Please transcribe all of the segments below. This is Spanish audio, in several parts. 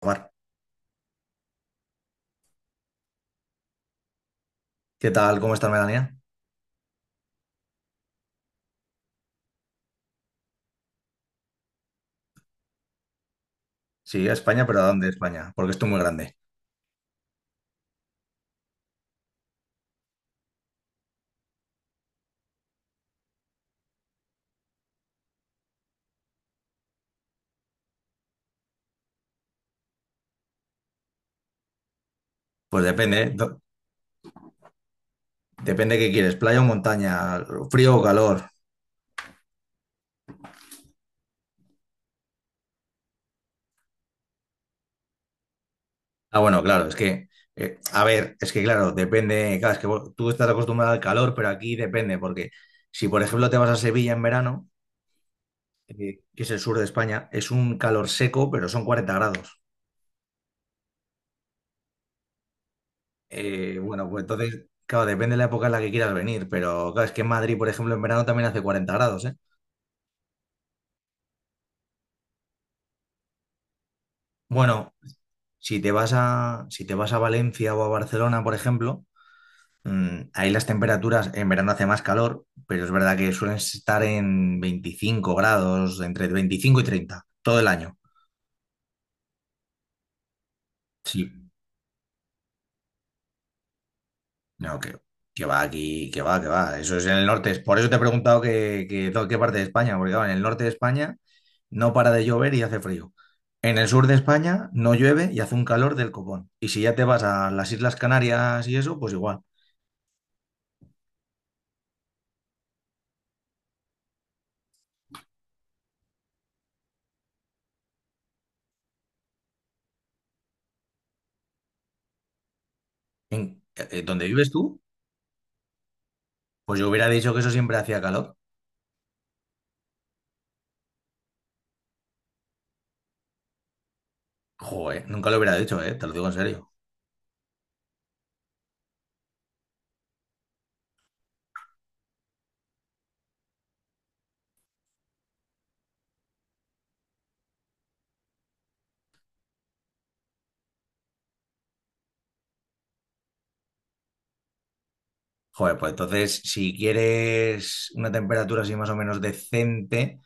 Omar, ¿qué tal? ¿Cómo estás, Melania? Sí, a España, pero ¿a dónde España? Porque esto es muy grande. Pues depende, ¿eh? Depende qué quieres, playa o montaña, frío o calor. Ah, bueno, claro, es que, a ver, es que claro, depende, claro, es que tú estás acostumbrado al calor, pero aquí depende, porque si por ejemplo te vas a Sevilla en verano, que es el sur de España, es un calor seco, pero son 40 grados. Bueno, pues entonces, claro, depende de la época en la que quieras venir, pero claro, es que en Madrid, por ejemplo, en verano también hace 40 grados, ¿eh? Bueno, si te vas a, si te vas a Valencia o a Barcelona, por ejemplo, ahí las temperaturas en verano hace más calor, pero es verdad que suelen estar en 25 grados, entre 25 y 30, todo el año. Sí, no, que va aquí, que va, que va. Eso es en el norte. Por eso te he preguntado que, qué parte de España, porque claro, en el norte de España no para de llover y hace frío. En el sur de España no llueve y hace un calor del copón. Y si ya te vas a las Islas Canarias y eso, pues igual. En, ¿dónde vives tú? Pues yo hubiera dicho que eso siempre hacía calor. Joder, nunca lo hubiera dicho, ¿eh? Te lo digo en serio. Joder, pues entonces, si quieres una temperatura así más o menos decente,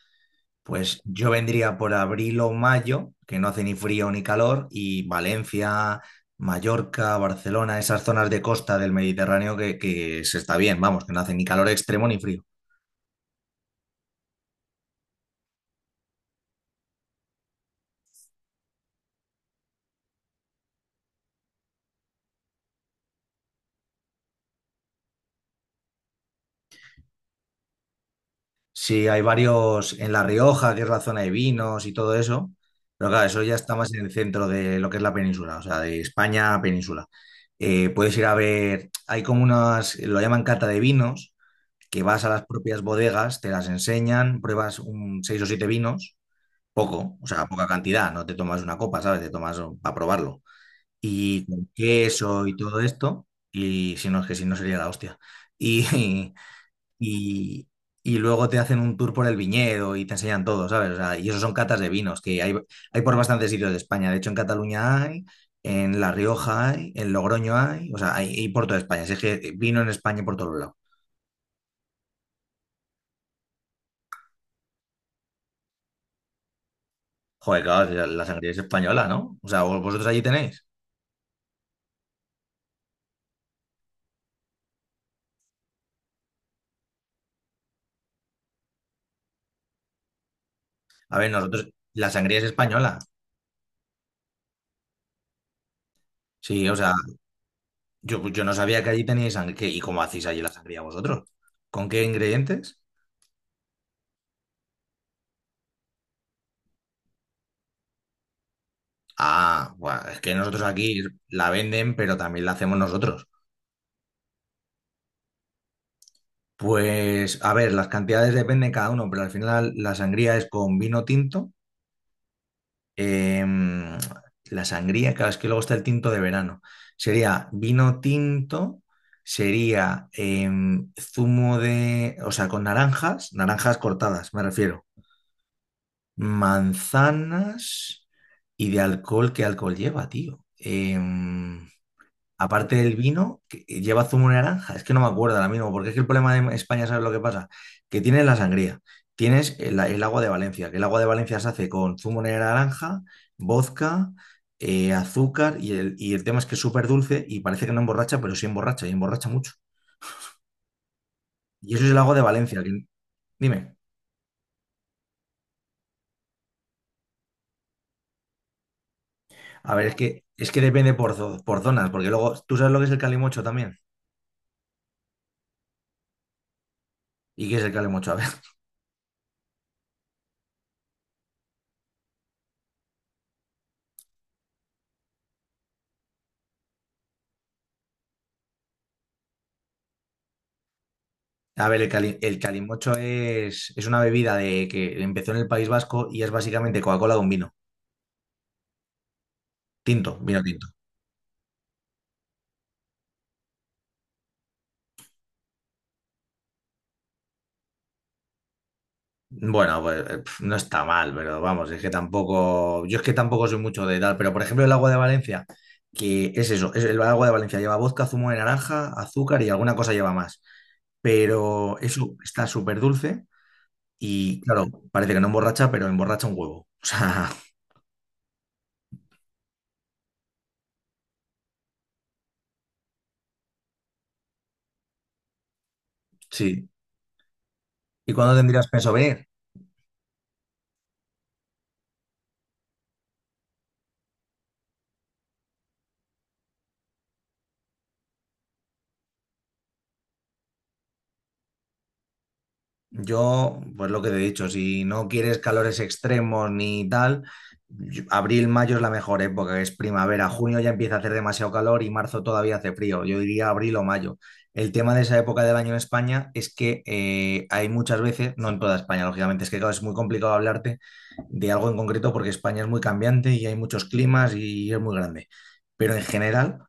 pues yo vendría por abril o mayo, que no hace ni frío ni calor, y Valencia, Mallorca, Barcelona, esas zonas de costa del Mediterráneo que se está bien, vamos, que no hace ni calor extremo ni frío. Sí, hay varios en La Rioja, que es la zona de vinos y todo eso. Pero claro, eso ya está más en el centro de lo que es la península, o sea, de España a península. Puedes ir a ver, hay como unas, lo llaman cata de vinos, que vas a las propias bodegas, te las enseñan, pruebas un seis o siete vinos, poco, o sea, poca cantidad, no te tomas una copa, ¿sabes? Te tomas para probarlo. Y con queso y todo esto, y si no es que si no sería la hostia. Y, y, y luego te hacen un tour por el viñedo y te enseñan todo, ¿sabes? O sea, y eso son catas de vinos, que hay por bastantes sitios de España. De hecho, en Cataluña hay, en La Rioja hay, en Logroño hay, o sea, hay por toda España. Así es que vino en España por todos lados. Joder, claro, si la sangría es española, ¿no? O sea, vosotros allí tenéis. A ver, nosotros, la sangría es española. Sí, o sea, yo, pues yo no sabía que allí teníais sangría. ¿Y cómo hacéis allí la sangría vosotros? ¿Con qué ingredientes? Ah, buah, es que nosotros aquí la venden, pero también la hacemos nosotros. Pues, a ver, las cantidades dependen cada uno, pero al final la sangría es con vino tinto. em, la sangría, claro, es que luego está el tinto de verano. Sería vino tinto, sería zumo de, o sea, con naranjas, naranjas cortadas, me refiero. Manzanas y de alcohol, ¿qué alcohol lleva, tío? Aparte del vino, que lleva zumo de naranja. Es que no me acuerdo ahora mismo, porque es que el problema de España, ¿sabes lo que pasa? Que tienes la sangría, tienes el agua de Valencia, que el agua de Valencia se hace con zumo de naranja, vodka, azúcar, y el tema es que es súper dulce y parece que no emborracha, pero sí emborracha, y emborracha mucho. Y eso es el agua de Valencia. Dime. A ver, es que depende por, por zonas, porque luego, ¿tú sabes lo que es el calimocho también? ¿Y qué es el calimocho? A ver. A ver, el calimocho es una bebida de, que empezó en el País Vasco y es básicamente Coca-Cola con vino. Tinto, vino tinto. Bueno, pues no está mal, pero vamos, es que tampoco. Yo es que tampoco soy mucho de tal, pero por ejemplo, el agua de Valencia, que es eso, es el agua de Valencia lleva vodka, zumo de naranja, azúcar y alguna cosa lleva más. Pero eso está súper dulce y, claro, parece que no emborracha, pero emborracha un huevo. O sea, sí. ¿Y cuándo tendrías pensado venir? Yo, pues lo que te he dicho, si no quieres calores extremos ni tal, abril, mayo es la mejor época, es primavera, junio ya empieza a hacer demasiado calor y marzo todavía hace frío, yo diría abril o mayo. El tema de esa época del año en España es que hay muchas veces, no en toda España, lógicamente, es que claro, es muy complicado hablarte de algo en concreto porque España es muy cambiante y hay muchos climas y es muy grande, pero en general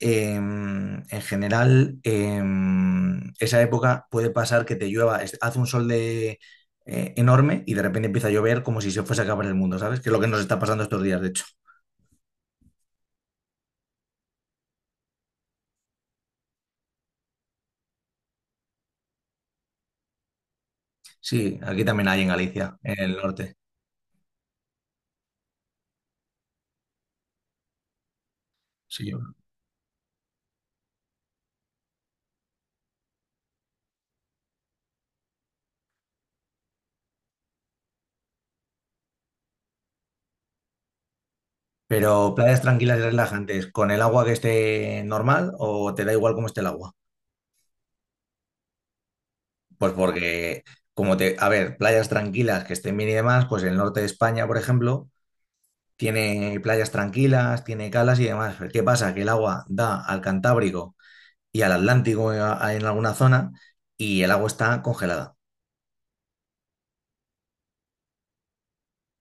esa época puede pasar que te llueva, hace un sol de, enorme y de repente empieza a llover como si se fuese a acabar el mundo, ¿sabes? Que es lo que nos está pasando estos días, de hecho. Sí, aquí también hay en Galicia, en el norte. Sí, pero playas tranquilas y relajantes, con el agua que esté normal o te da igual cómo esté el agua. Pues porque, como te, a ver, playas tranquilas que estén bien y demás, pues en el norte de España, por ejemplo, tiene playas tranquilas, tiene calas y demás. ¿Qué pasa? Que el agua da al Cantábrico y al Atlántico en en alguna zona y el agua está congelada.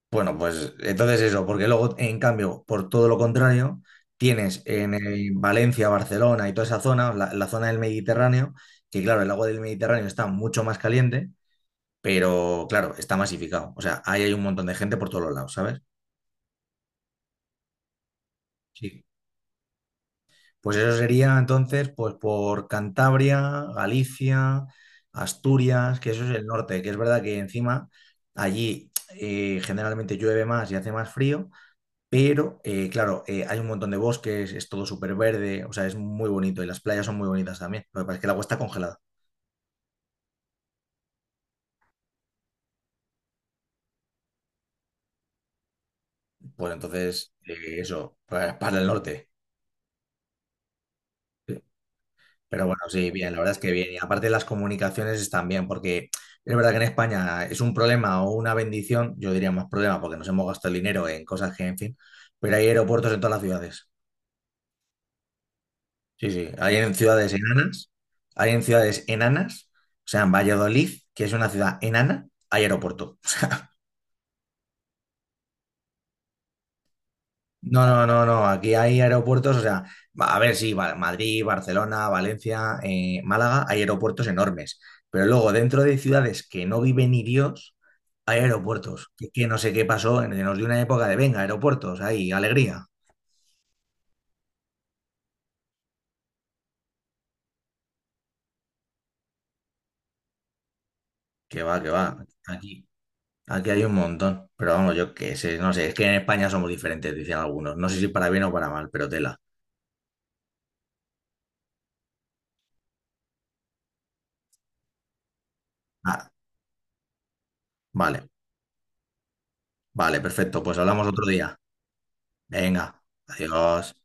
Bueno, pues entonces eso, porque luego, en cambio, por todo lo contrario, tienes en Valencia, Barcelona y toda esa zona, la zona del Mediterráneo, que claro, el agua del Mediterráneo está mucho más caliente, pero claro, está masificado. O sea, ahí hay un montón de gente por todos los lados, ¿sabes? Sí. Pues eso sería entonces, pues por Cantabria, Galicia, Asturias, que eso es el norte, que es verdad que encima allí generalmente llueve más y hace más frío, pero claro, hay un montón de bosques, es todo súper verde, o sea, es muy bonito y las playas son muy bonitas también. Lo que pasa es que el agua está congelada. Pues entonces, eso, para el norte. Pero bueno, sí, bien, la verdad es que bien. Y aparte las comunicaciones están bien, porque es verdad que en España es un problema o una bendición, yo diría más problema, porque nos hemos gastado el dinero en cosas que, en fin, pero hay aeropuertos en todas las ciudades. Sí, sí, hay en ciudades enanas, hay en ciudades enanas, o sea, en Valladolid, que es una ciudad enana, hay aeropuerto. No, no, no, no. Aquí hay aeropuertos, o sea, a ver, sí, Madrid, Barcelona, Valencia, Málaga, hay aeropuertos enormes. Pero luego, dentro de ciudades que no vive ni Dios, hay aeropuertos. Que no sé qué pasó, nos dio una época de, venga, aeropuertos, ahí, alegría. Que va, que va. Aquí, aquí hay un montón. Pero vamos, yo qué sé, no sé, es que en España somos diferentes, dicen algunos. No sé si para bien o para mal, pero tela. Ah, vale, vale, perfecto. Pues hablamos otro día. Venga, adiós.